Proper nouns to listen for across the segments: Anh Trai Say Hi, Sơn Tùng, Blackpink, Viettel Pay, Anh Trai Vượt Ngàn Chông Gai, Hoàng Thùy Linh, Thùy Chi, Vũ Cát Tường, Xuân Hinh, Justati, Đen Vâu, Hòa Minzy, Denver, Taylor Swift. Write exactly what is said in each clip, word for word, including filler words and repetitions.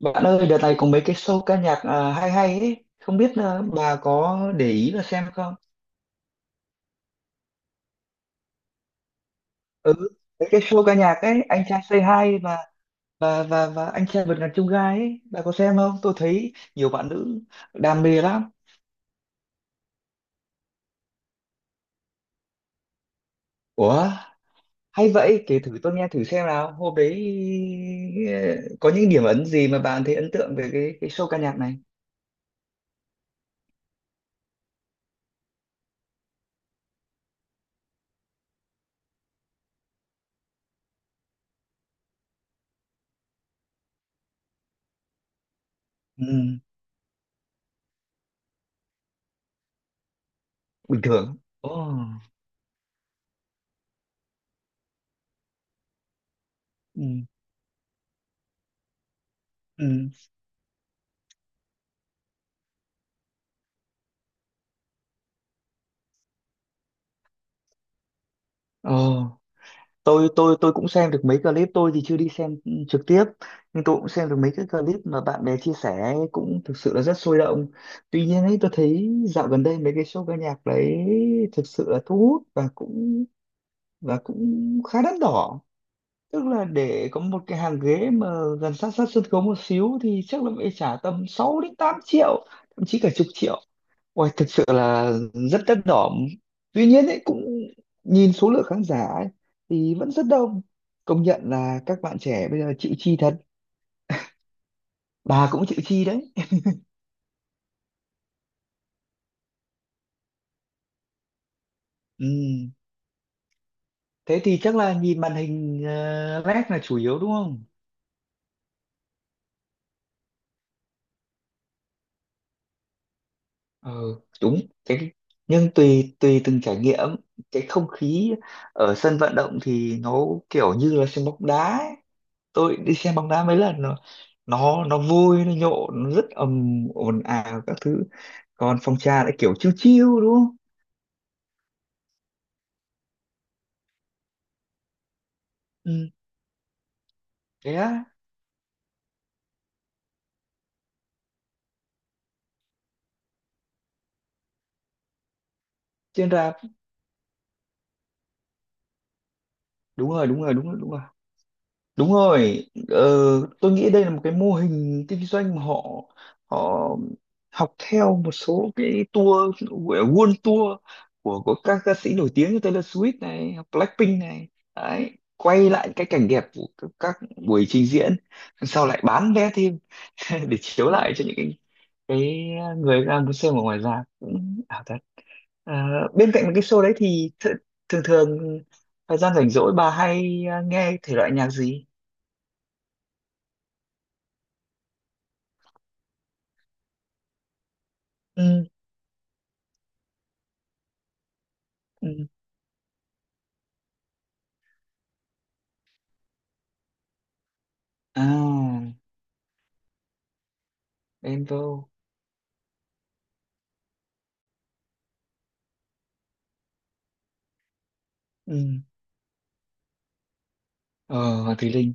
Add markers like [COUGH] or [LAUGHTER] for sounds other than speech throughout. Bạn ơi, đợt này có mấy cái show ca nhạc, à, hay hay ấy, không biết, à, bà có để ý và xem không? Ừ, mấy cái show ca nhạc ấy, anh trai Say Hi và và và và anh trai vượt ngàn chông gai ấy, bà có xem không? Tôi thấy nhiều bạn nữ đam mê lắm. Ủa, hay vậy, kể thử tôi nghe thử xem nào. Hôm đấy ờ, có những điểm ấn gì mà bạn thấy ấn tượng về cái cái show ca nhạc này? Ừ, bình thường. Ồ, ừ, ừ. Ồ. tôi tôi tôi cũng xem được mấy clip, tôi thì chưa đi xem trực tiếp, nhưng tôi cũng xem được mấy cái clip mà bạn bè chia sẻ ấy, cũng thực sự là rất sôi động. Tuy nhiên ấy, tôi thấy dạo gần đây mấy cái show ca nhạc đấy thực sự là thu hút và cũng và cũng khá đắt đỏ, tức là để có một cái hàng ghế mà gần sát sát sân khấu một xíu thì chắc là phải trả tầm sáu đến tám triệu, thậm chí cả chục triệu. Ôi, thực sự là rất đắt đỏ. Tuy nhiên ấy, cũng nhìn số lượng khán giả ấy, thì vẫn rất đông. Công nhận là các bạn trẻ bây giờ chịu chi thật. Bà cũng chịu chi đấy. Ừ. Thế thì chắc là nhìn màn hình uh, led là chủ yếu đúng không? Ờ, đúng. Cái, nhưng tùy tùy từng trải nghiệm, cái không khí ở sân vận động thì nó kiểu như là sân bóng đá ấy. Tôi đi xem bóng đá mấy lần rồi, nó nó vui, nó nhộn, nó rất ầm ồn ào các thứ, còn phòng trà lại kiểu chill chill đúng không? Ừ, thế á, trên rạp. Đúng rồi, đúng rồi, đúng rồi, đúng rồi. Đúng rồi, ờ, tôi nghĩ đây là một cái mô hình kinh doanh mà họ họ học theo một số cái tour, gọi là world tour của của các ca sĩ nổi tiếng như Taylor Swift này, hoặc Blackpink này, đấy, quay lại cái cảnh đẹp của các các buổi trình diễn, sau lại bán vé thêm [LAUGHS] để chiếu lại cho những cái, cái người đang muốn xem ở ngoài ra cũng ảo thật. Ờ, bên cạnh cái show đấy thì th thường thường thời gian rảnh rỗi bà hay, à, nghe thể loại nhạc gì? Ừ, ừ, à, Denver, ừ, ờ, Hoàng Thùy Linh.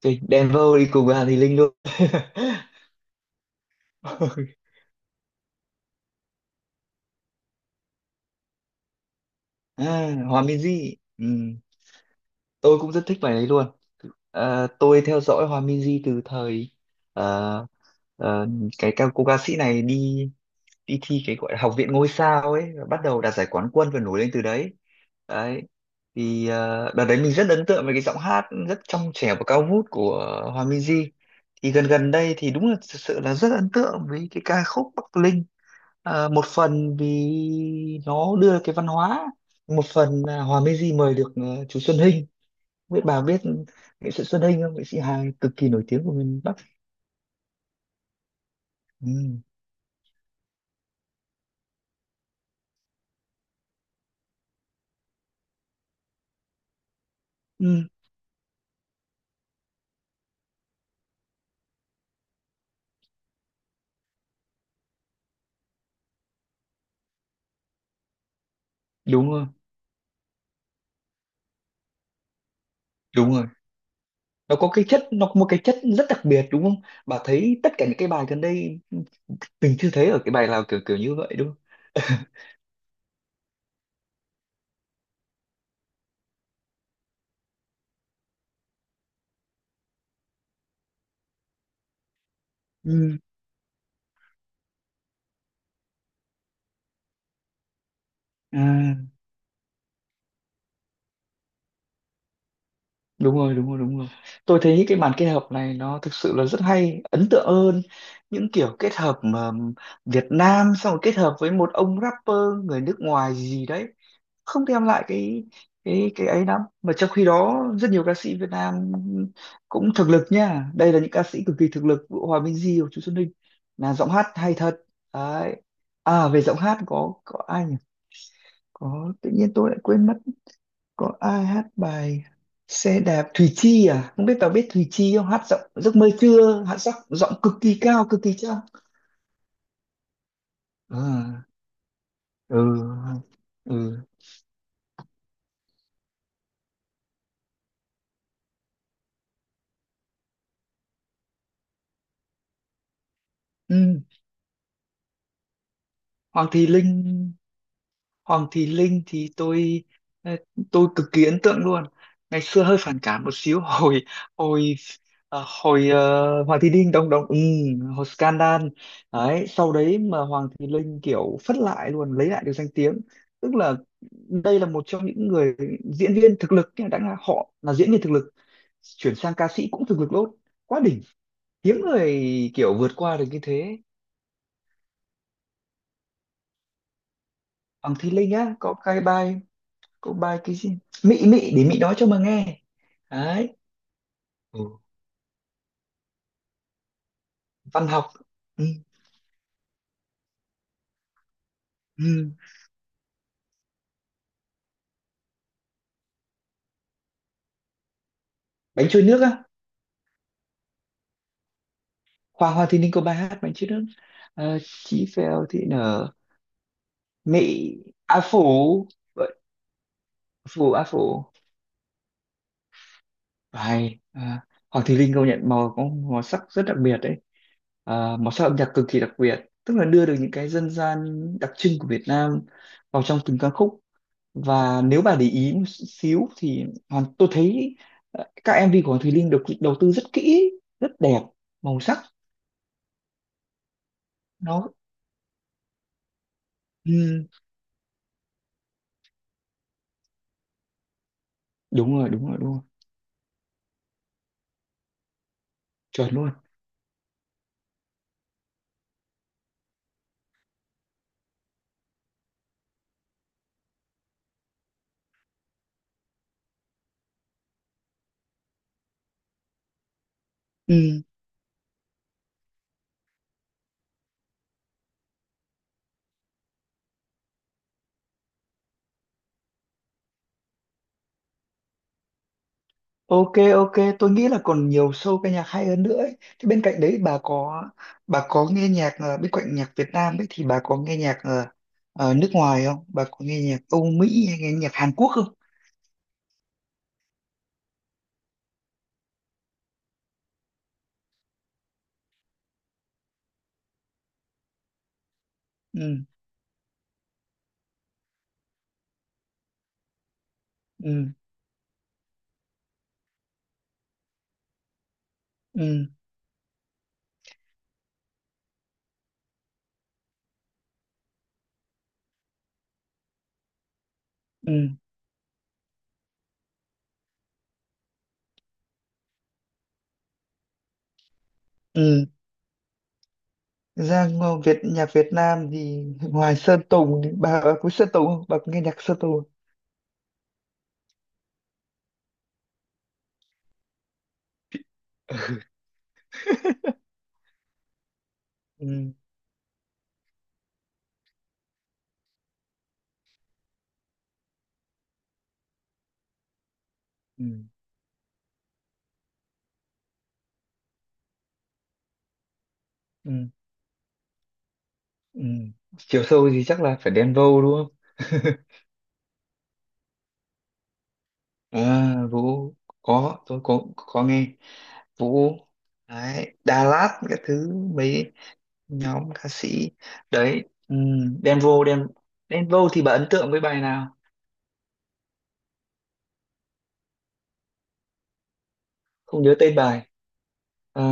Tôi- Denver đi cùng với Hoàng Thùy Linh luôn. [LAUGHS] À, Hòa Minzy, ừ. Tôi cũng rất thích bài đấy luôn. Ờ, tôi theo dõi Hòa Minzy từ thời ờ, ờ, cái ca cô ca sĩ này đi đi thi cái gọi là học viện ngôi sao ấy, bắt đầu đạt giải quán quân và nổi lên từ đấy. Đấy, thì ờ, đợt đấy mình rất ấn tượng với cái giọng hát rất trong trẻo và cao vút của Hòa Minzy. Thì gần gần đây thì đúng là thực sự là rất ấn tượng với cái ca khúc Bắc Linh. Ờ, một phần vì nó đưa cái văn hóa, một phần là Hòa Minzy mời được ờ, chú Xuân Hinh. Không biết bà biết nghệ sĩ Xuân Hinh không? Nghệ sĩ Hàn cực kỳ nổi tiếng của miền Bắc. Ừ. Ừ. Đúng rồi, đúng rồi. Nó có cái chất, nó có một cái chất rất đặc biệt đúng không? Bà thấy tất cả những cái bài gần đây mình chưa thấy ở cái bài nào kiểu kiểu như vậy đúng không? [LAUGHS] Ừ. À, đúng rồi, đúng rồi, đúng rồi. Tôi thấy cái màn kết hợp này nó thực sự là rất hay, ấn tượng hơn những kiểu kết hợp mà Việt Nam xong rồi kết hợp với một ông rapper người nước ngoài gì đấy, không đem lại cái cái cái ấy lắm. Mà trong khi đó rất nhiều ca sĩ Việt Nam cũng thực lực nha. Đây là những ca sĩ cực kỳ thực lực, Vũ, Hòa Minh Di và Chú Xuân Ninh là giọng hát hay thật. Đấy. À về giọng hát có có ai nhỉ? Có tự nhiên tôi lại quên mất, có ai hát bài xe đạp, Thùy Chi, à không biết bà biết Thùy Chi không, hát giọng giấc mơ trưa, hát giọng giọng cực kỳ cao cực kỳ trong. À, ừ, ừ, ừ. Hoàng Thùy Linh. Hoàng Thị Linh thì tôi ờ, tôi cực kỳ ấn tượng luôn. Ngày xưa hơi phản cảm một xíu [LAUGHS] hồi hồi ờ, hồi ờ, Hoàng Thị Linh đồng đồng ừ, hồi scandal đấy, sau đấy mà Hoàng Thị Linh kiểu phất lại luôn, lấy lại được danh tiếng. Tức là đây là một trong những người diễn viên thực lực, nhưng đã là họ là diễn viên thực lực, chuyển sang ca sĩ cũng thực lực luôn, quá đỉnh, hiếm người kiểu vượt qua được như thế. Hoàng Thị Linh á có cái bài, Cậu bài cái gì? Mị mị để mị nói cho mà nghe. Đấy. Ừ. Văn học. Ừ. Ừ. Bánh trôi nước á. Hoa, Hoa Thì Ninh có bài hát bánh trôi nước. Ờ, Chí Phèo thì nở. Mị A Phủ. Vậy, Phủ A Phủ. Bài. À, Hoàng Thùy Linh công nhận màu có màu sắc rất đặc biệt đấy. À, màu sắc âm nhạc cực kỳ đặc biệt. Tức là đưa được những cái dân gian đặc trưng của Việt Nam vào trong từng ca khúc, và nếu bà để ý một xíu thì hoàn tôi thấy, ờ, các em vê của Hoàng Thùy Linh được đầu tư rất kỹ, rất đẹp màu sắc. Nó ừ, đúng rồi, đúng rồi, đúng rồi, chuẩn luôn, ừ. Ok, ok, tôi nghĩ là còn nhiều show ca nhạc hay hơn nữa ấy. Thế bên cạnh đấy bà có bà có nghe nhạc, ờ, bên cạnh nhạc Việt Nam ấy thì bà có nghe nhạc ờ, ờ, nước ngoài không, bà có nghe nhạc Âu Mỹ hay nghe nhạc Hàn Quốc không? Ừ, ừ, ừ, ừ, ừ. Ra ngo- Việt nhạc Việt Nam thì ngoài Sơn Tùng thì bà, bà quý Sơn Tùng không? Bà có nghe nhạc Sơn Tùng không? [LAUGHS] Ừ, ừ, ừ, ừ. Chiều sâu thì chắc là phải Đen Vâu đúng không? [LAUGHS] À, Vũ, có tôi có có nghe Vũ, đấy, Đà Lạt các thứ, mấy nhóm ca sĩ đấy, ừ, Đen Vâu, Đen, Đen Vâu thì bà ấn tượng với bài nào? Không nhớ tên bài. Ờ,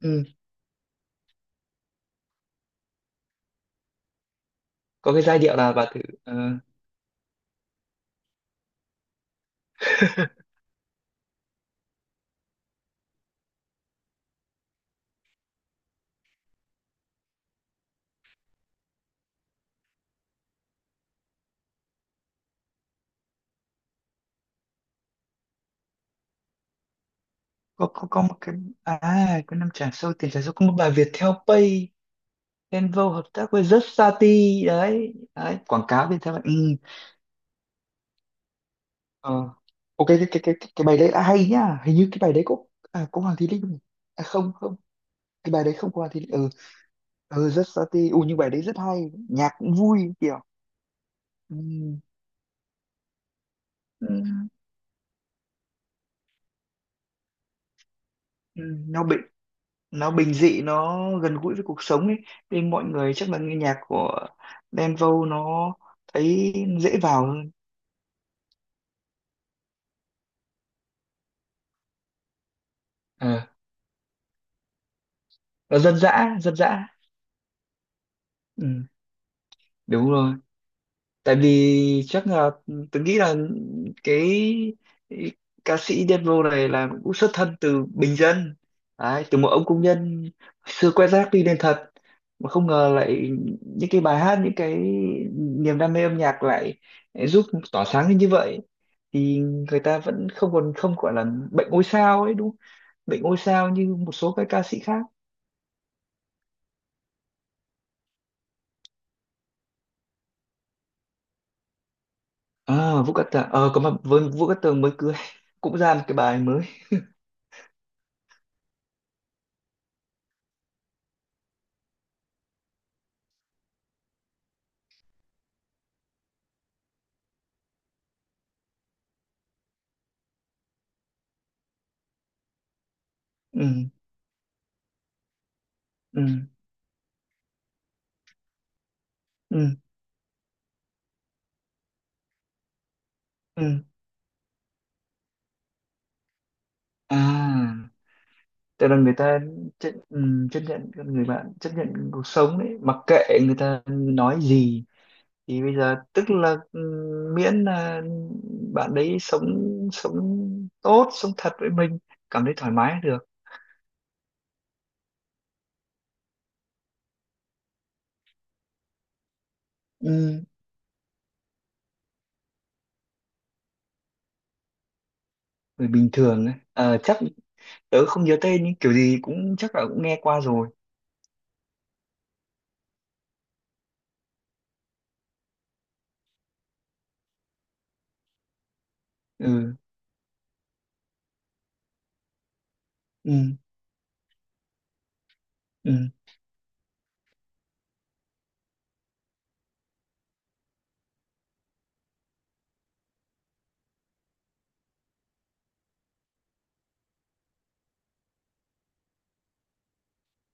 ừ, có cái giai điệu nào bà thử ờ, có có có một cái, à, cái năm trả sâu, tiền trả sâu, có một bài Viettel Pay, Envo hợp tác với Justati, đấy đấy, quảng cáo Viettel Pay. Ừ. Ờ. Ok, cái cái cái cái bài đấy là hay nhá, hình như cái bài đấy có, à, có Hoàng Thùy Linh không nhỉ? À, không không, cái bài đấy không có Hoàng Thùy Linh, ừ ừ Justati, ừ nhưng bài đấy rất hay, nhạc cũng vui kiểu ừ. Ừ. Ừ. Nó bình, nó bình dị, nó gần gũi với cuộc sống ấy, nên mọi người chắc là nghe nhạc của Đen Vâu, nó thấy dễ vào hơn, nó dân dã, dân dã, ừ, đúng rồi, tại vì chắc là tôi nghĩ là cái ca sĩ Đen Vâu này là cũng xuất thân từ bình dân. Đấy, từ một ông công nhân xưa quét rác đi lên thật, mà không ngờ lại những cái bài hát, những cái niềm đam mê âm nhạc lại giúp tỏa sáng lên như vậy, thì người ta vẫn không còn không gọi là bệnh ngôi sao ấy đúng không? Bệnh ngôi sao như một số các ca sĩ khác. À, Vũ Cát Tường, ờ có, mà với Vũ Cát Tường mới cưới [LAUGHS] cũng ra một cái bài mới. Ừ, ừ, ừ, ừ, à, tức là người ta chấp, ừ, chấp nhận con người bạn, chấp nhận cuộc sống đấy, mặc kệ người ta nói gì, thì bây giờ tức là ừ, miễn là bạn đấy sống, sống tốt, sống thật với mình, cảm thấy thoải mái là được. Ừ, người bình thường ấy. Ờ, chắc tớ không nhớ tên, nhưng kiểu gì cũng chắc là cũng nghe qua rồi. Ừ, ừ, ừ.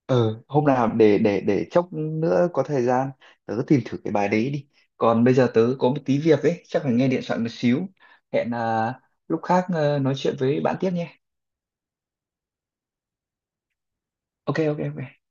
Ờ, hôm nào để để để chốc nữa có thời gian tớ tìm thử cái bài đấy đi. Còn bây giờ tớ có một tí việc ấy, chắc phải nghe điện thoại một xíu. Hẹn, à, lúc khác ờ, nói chuyện với bạn tiếp nhé. Ok, ok, ok.